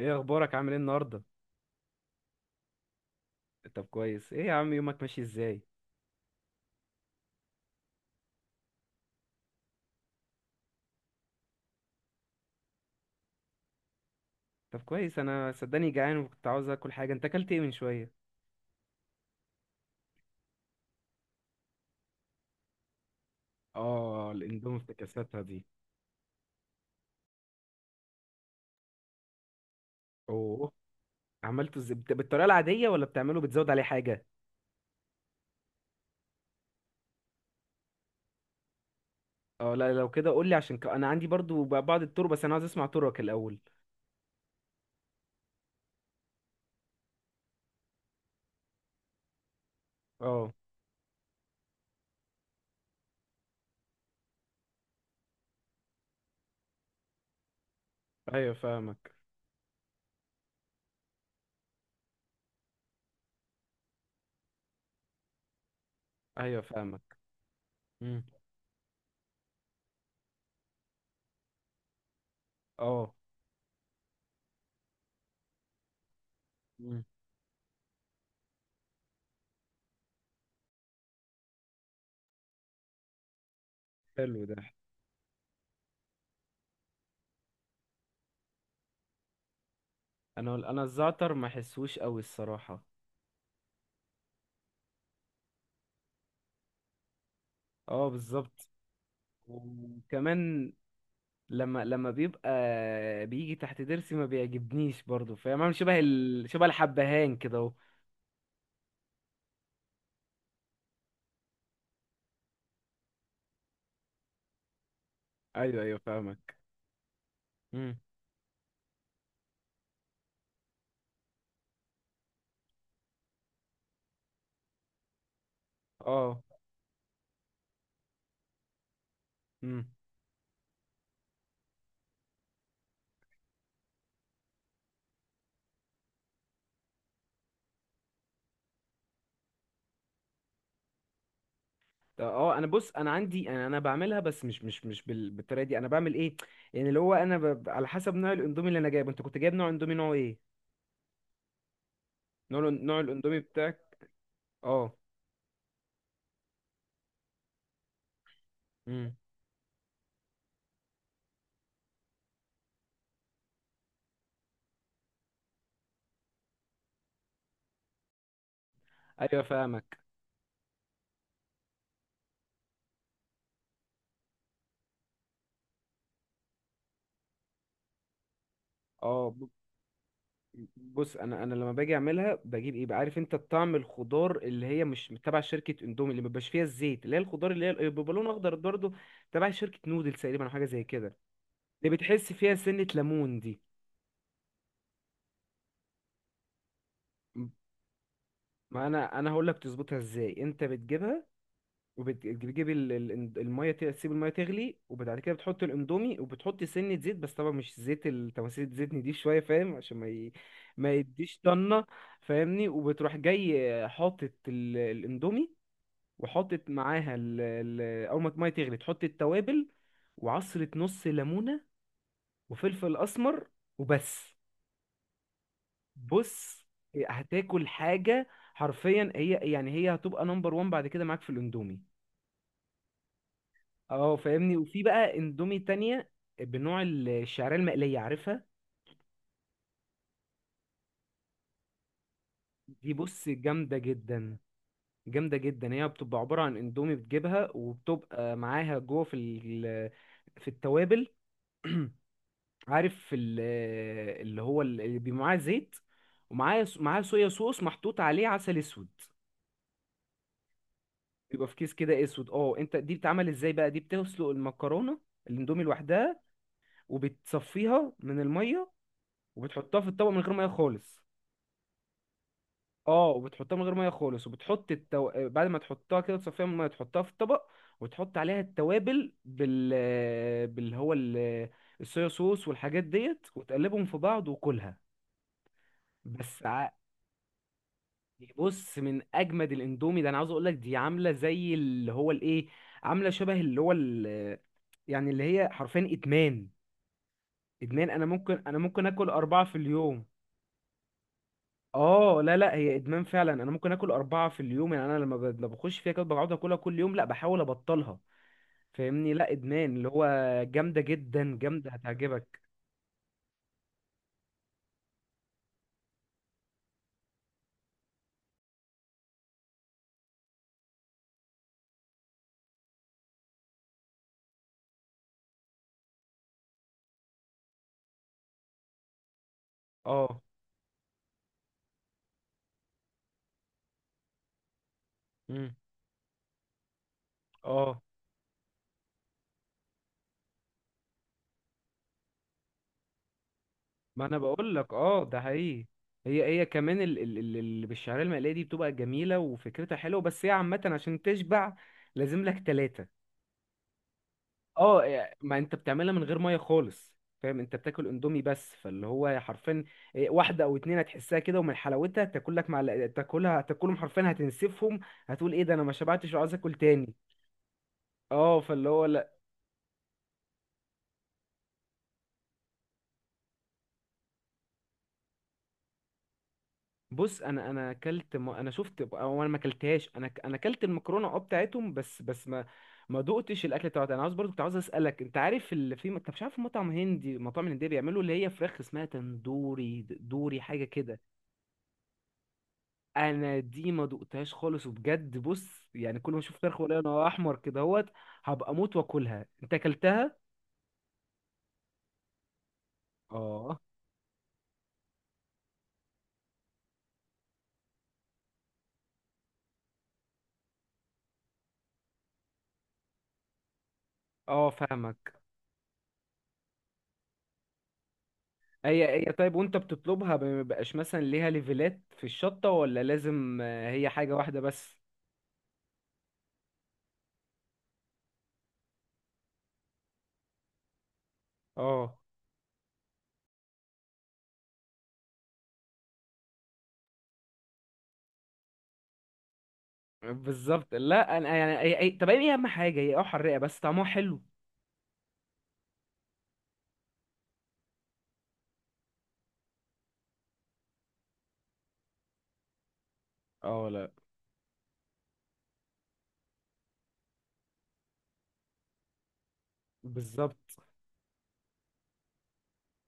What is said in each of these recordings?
ايه اخبارك؟ عامل ايه النهارده؟ طب كويس، ايه يا عم يومك ماشي ازاي؟ طب كويس، انا صدقني جعان وكنت عاوز اكل حاجه. انت اكلت ايه من شويه؟ اه الاندومي افتكاساتها دي. اوه، عملته ازاي؟ بالطريقه العاديه ولا بتعمله بتزود عليه حاجه؟ اه لا لو كده قول لي، عشان انا عندي برضو بعض الطرق، بس انا عاوز اسمع طرقك الاول. اه، ايوه فاهمك. ايوه فاهمك. امم. اه. امم. حلو ده. انا الزعتر ما احسوش قوي الصراحه. اه بالظبط. وكمان لما بيبقى بيجي تحت ضرسي ما بيعجبنيش برضو، فاهم؟ عامل شبه شبه الحبهان كده اهو. ايوه ايوه فاهمك. امم. اه. امم. طب اه انا بص، انا عندي، انا بعملها بس مش بالطريقه دي. انا بعمل ايه يعني؟ اللي هو انا على حسب نوع الاندومي اللي انا جايبه. انت كنت جايب نوع اندومي نوع ايه؟ نوع نوع الاندومي بتاعك. اه. امم. ايوه فاهمك. اه بص، انا لما باجي اعملها بجيب ايه بقى؟ عارف انت الطعم الخضار اللي هي مش تبع شركه اندومي، اللي مبيبقاش فيها الزيت، اللي هي الخضار اللي هي بيبقى لون اخضر برضه، تبع شركه نودلز تقريبا او حاجه زي كده، اللي بتحس فيها سنه ليمون دي. ما انا هقول لك تظبطها ازاي. انت بتجيبها وبتجيب الميه، تسيب الميه تغلي وبعد كده بتحط الاندومي وبتحط سنه زيت، بس طبعا مش زيت التماثيل، زيتني دي شويه فاهم، عشان ما ما يديش طنه. فاهمني؟ وبتروح جاي حاطط الاندومي وحطت معاها اول ما الميه تغلي تحط التوابل وعصرة نص ليمونة وفلفل اسمر وبس. بص هتاكل حاجة حرفيا، هي يعني هي هتبقى نمبر وان بعد كده معاك في الاندومي. اه فاهمني. وفي بقى اندومي تانية بنوع الشعرية المقلية، عارفها؟ دي بص جامدة جدا، جامدة جدا. هي بتبقى عبارة عن اندومي بتجيبها وبتبقى معاها جوه في في التوابل. عارف اللي هو اللي بيبقى معاه زيت، ومعاه صويا صوص محطوط عليه عسل اسود. بيبقى في كيس كده اسود. اه انت دي بتتعمل ازاي بقى؟ دي بتسلق المكرونه، الاندومي لوحدها، وبتصفيها من الميه وبتحطها في الطبق من غير ميه خالص. اه وبتحطها من غير ميه خالص وبتحط بعد ما تحطها كده تصفيها من الميه، تحطها في الطبق وتحط عليها التوابل باللي هو الصويا صوص والحاجات ديت وتقلبهم في بعض وكلها. بس ع- بص من اجمد الاندومي. ده انا عاوز اقول لك دي عامله زي اللي هو الايه، عامله شبه اللي هو يعني اللي هي حرفيا ادمان. ادمان. انا ممكن، انا ممكن اكل اربعه في اليوم. اه لا لا، هي ادمان فعلا. انا ممكن اكل اربعه في اليوم. يعني انا لما لما بخش فيها كده بقعد اكلها كل يوم، لا بحاول ابطلها. فاهمني؟ لا ادمان اللي هو جامده جدا، جامده، هتعجبك. اه. امم. اه. ما انا بقول لك، اه ده حقيقي. هي، هي كمان اللي بالشعريه المقليه دي بتبقى جميله وفكرتها حلوه، بس هي عامه عشان تشبع لازم لك ثلاثه. اه يعني ما انت بتعملها من غير ميه خالص، فاهم؟ انت بتاكل اندومي بس، فاللي هو حرفيا إيه، واحده او اتنين هتحسها كده، ومن حلاوتها تاكل لك مع، تاكلها، هتاكلهم حرفيا، هتنسفهم. هتقول ايه ده، انا ما شبعتش وعايز اكل تاني. اه فاللي هو بص، انا اكلت انا شفت او انا ما اكلتهاش. انا انا اكلت المكرونه اه بتاعتهم، بس بس ما ما دقتش الاكل بتاعتها. انا عاوز برضو كنت عاوز اسالك، انت عارف اللي في، انت مش عارف مطعم هندي، مطاعم هنديه بيعملوا اللي هي فراخ اسمها تندوري، دوري حاجه كده. انا دي ما دقتهاش خالص وبجد. بص يعني كل ما اشوف فراخ ولا انا احمر كده اهوت. هبقى اموت واكلها. انت اكلتها؟ اه اه فاهمك. هي، هي طيب، وانت بتطلبها ما بيبقاش مثلا ليها ليفلات في الشطه؟ ولا لازم هي حاجه واحده بس؟ اه بالظبط. لا انا يعني طب ايه اهم حاجه هي اه حراقه بس طعمها حلو. اه لا بالظبط.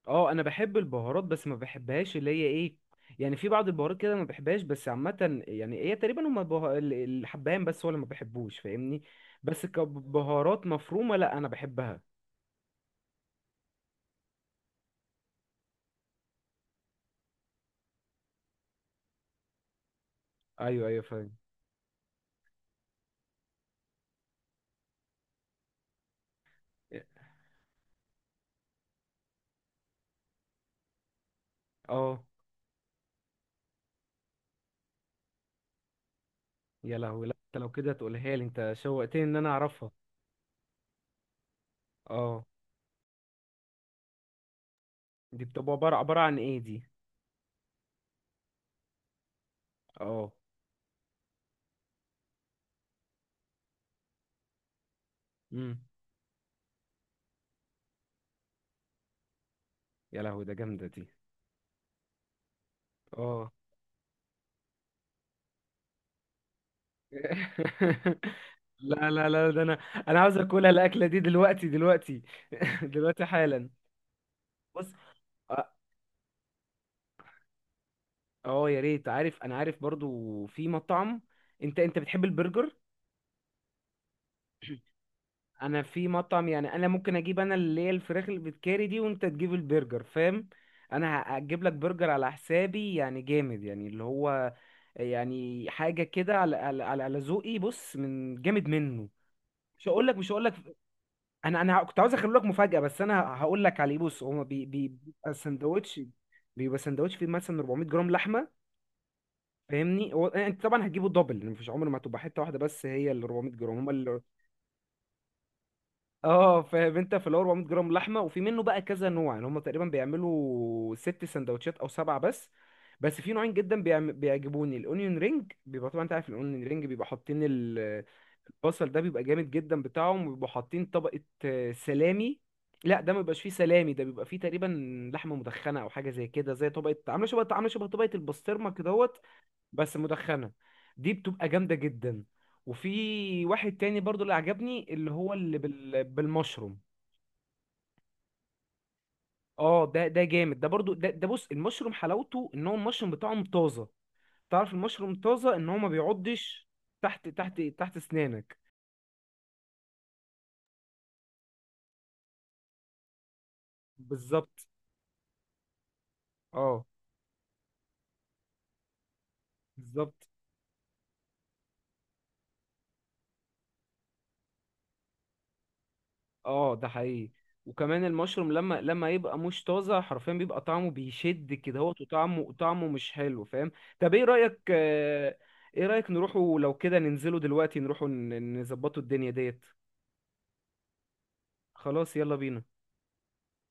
اه انا بحب البهارات، بس ما بحبهاش اللي هي ايه، يعني في بعض البهارات كده ما بحبهاش، بس عامة يعني هي تقريبا هما الحبهان بس هو اللي ما بحبوش، فاهمني؟ بس كبهارات مفرومة لا انا بحبها. ايوه ايوه فاهم. اه. يا لهوي، لا انت لو كده تقولها لي، انت شوقتني ان انا اعرفها. اه دي بتبقى عبارة، عبارة عن ايه دي؟ اه. امم. يا لهوي ده جامدة دي. اه. لا لا لا، ده انا، انا عاوز اكلها الاكله دي دلوقتي دلوقتي. دلوقتي حالا. بص. اه. يا ريت. عارف انا عارف برضو في مطعم. انت، انت بتحب البرجر؟ انا في مطعم يعني، انا ممكن اجيب انا اللي هي الفراخ اللي بتكاري دي، وانت تجيب البرجر فاهم؟ انا هجيب لك برجر على حسابي يعني جامد، يعني اللي هو يعني حاجه كده على على على على ذوقي. بص من جامد منه. مش هقول لك، مش هقول لك. انا كنت عاوز اخلي لك مفاجاه، بس انا هقول لك عليه. بص هو بيبقى سندوتش، بيبقى سندوتش فيه مثلا 400 جرام لحمه فاهمني. هو انت طبعا هتجيبه دبل، مفيش عمر ما هتبقى حته واحده، بس هي ال 400 جرام هما. اه فاهم، انت في ال 400 جرام لحمه، وفي منه بقى كذا نوع يعني. هم تقريبا بيعملوا ست سندوتشات او سبعه بس، بس في نوعين جدا بيعجبوني. الاونيون رينج، بيبقى طبعا انت عارف الاونيون رينج، بيبقى حاطين البصل ده بيبقى جامد جدا بتاعهم، وبيبقوا حاطين طبقه سلامي. لا ده ما بيبقاش فيه سلامي، ده بيبقى فيه تقريبا لحمه مدخنه او حاجه زي كده، زي طبقه عامله شبه، عامله شبه طبقه البسطرمه كدهوت، بس مدخنة. دي بتبقى جامدة جدا. وفي واحد تاني برضو اللي عجبني، اللي هو اللي بالمشروم. اه ده، ده جامد ده برضو ده، ده بص المشروم حلاوته ان هو المشروم بتاعهم طازة. تعرف المشروم طازة ان هو ما بيعضش تحت، تحت، تحت اسنانك. بالظبط. اه بالظبط، اه ده حقيقي. وكمان المشروم لما يبقى مش طازه حرفيا بيبقى طعمه بيشد كده، هو وطعمه، طعمه مش حلو فاهم. طب ايه رايك ايه رايك نروحوا لو كده ننزلوا دلوقتي، نروحوا نظبطوا الدنيا ديت؟ خلاص يلا بينا.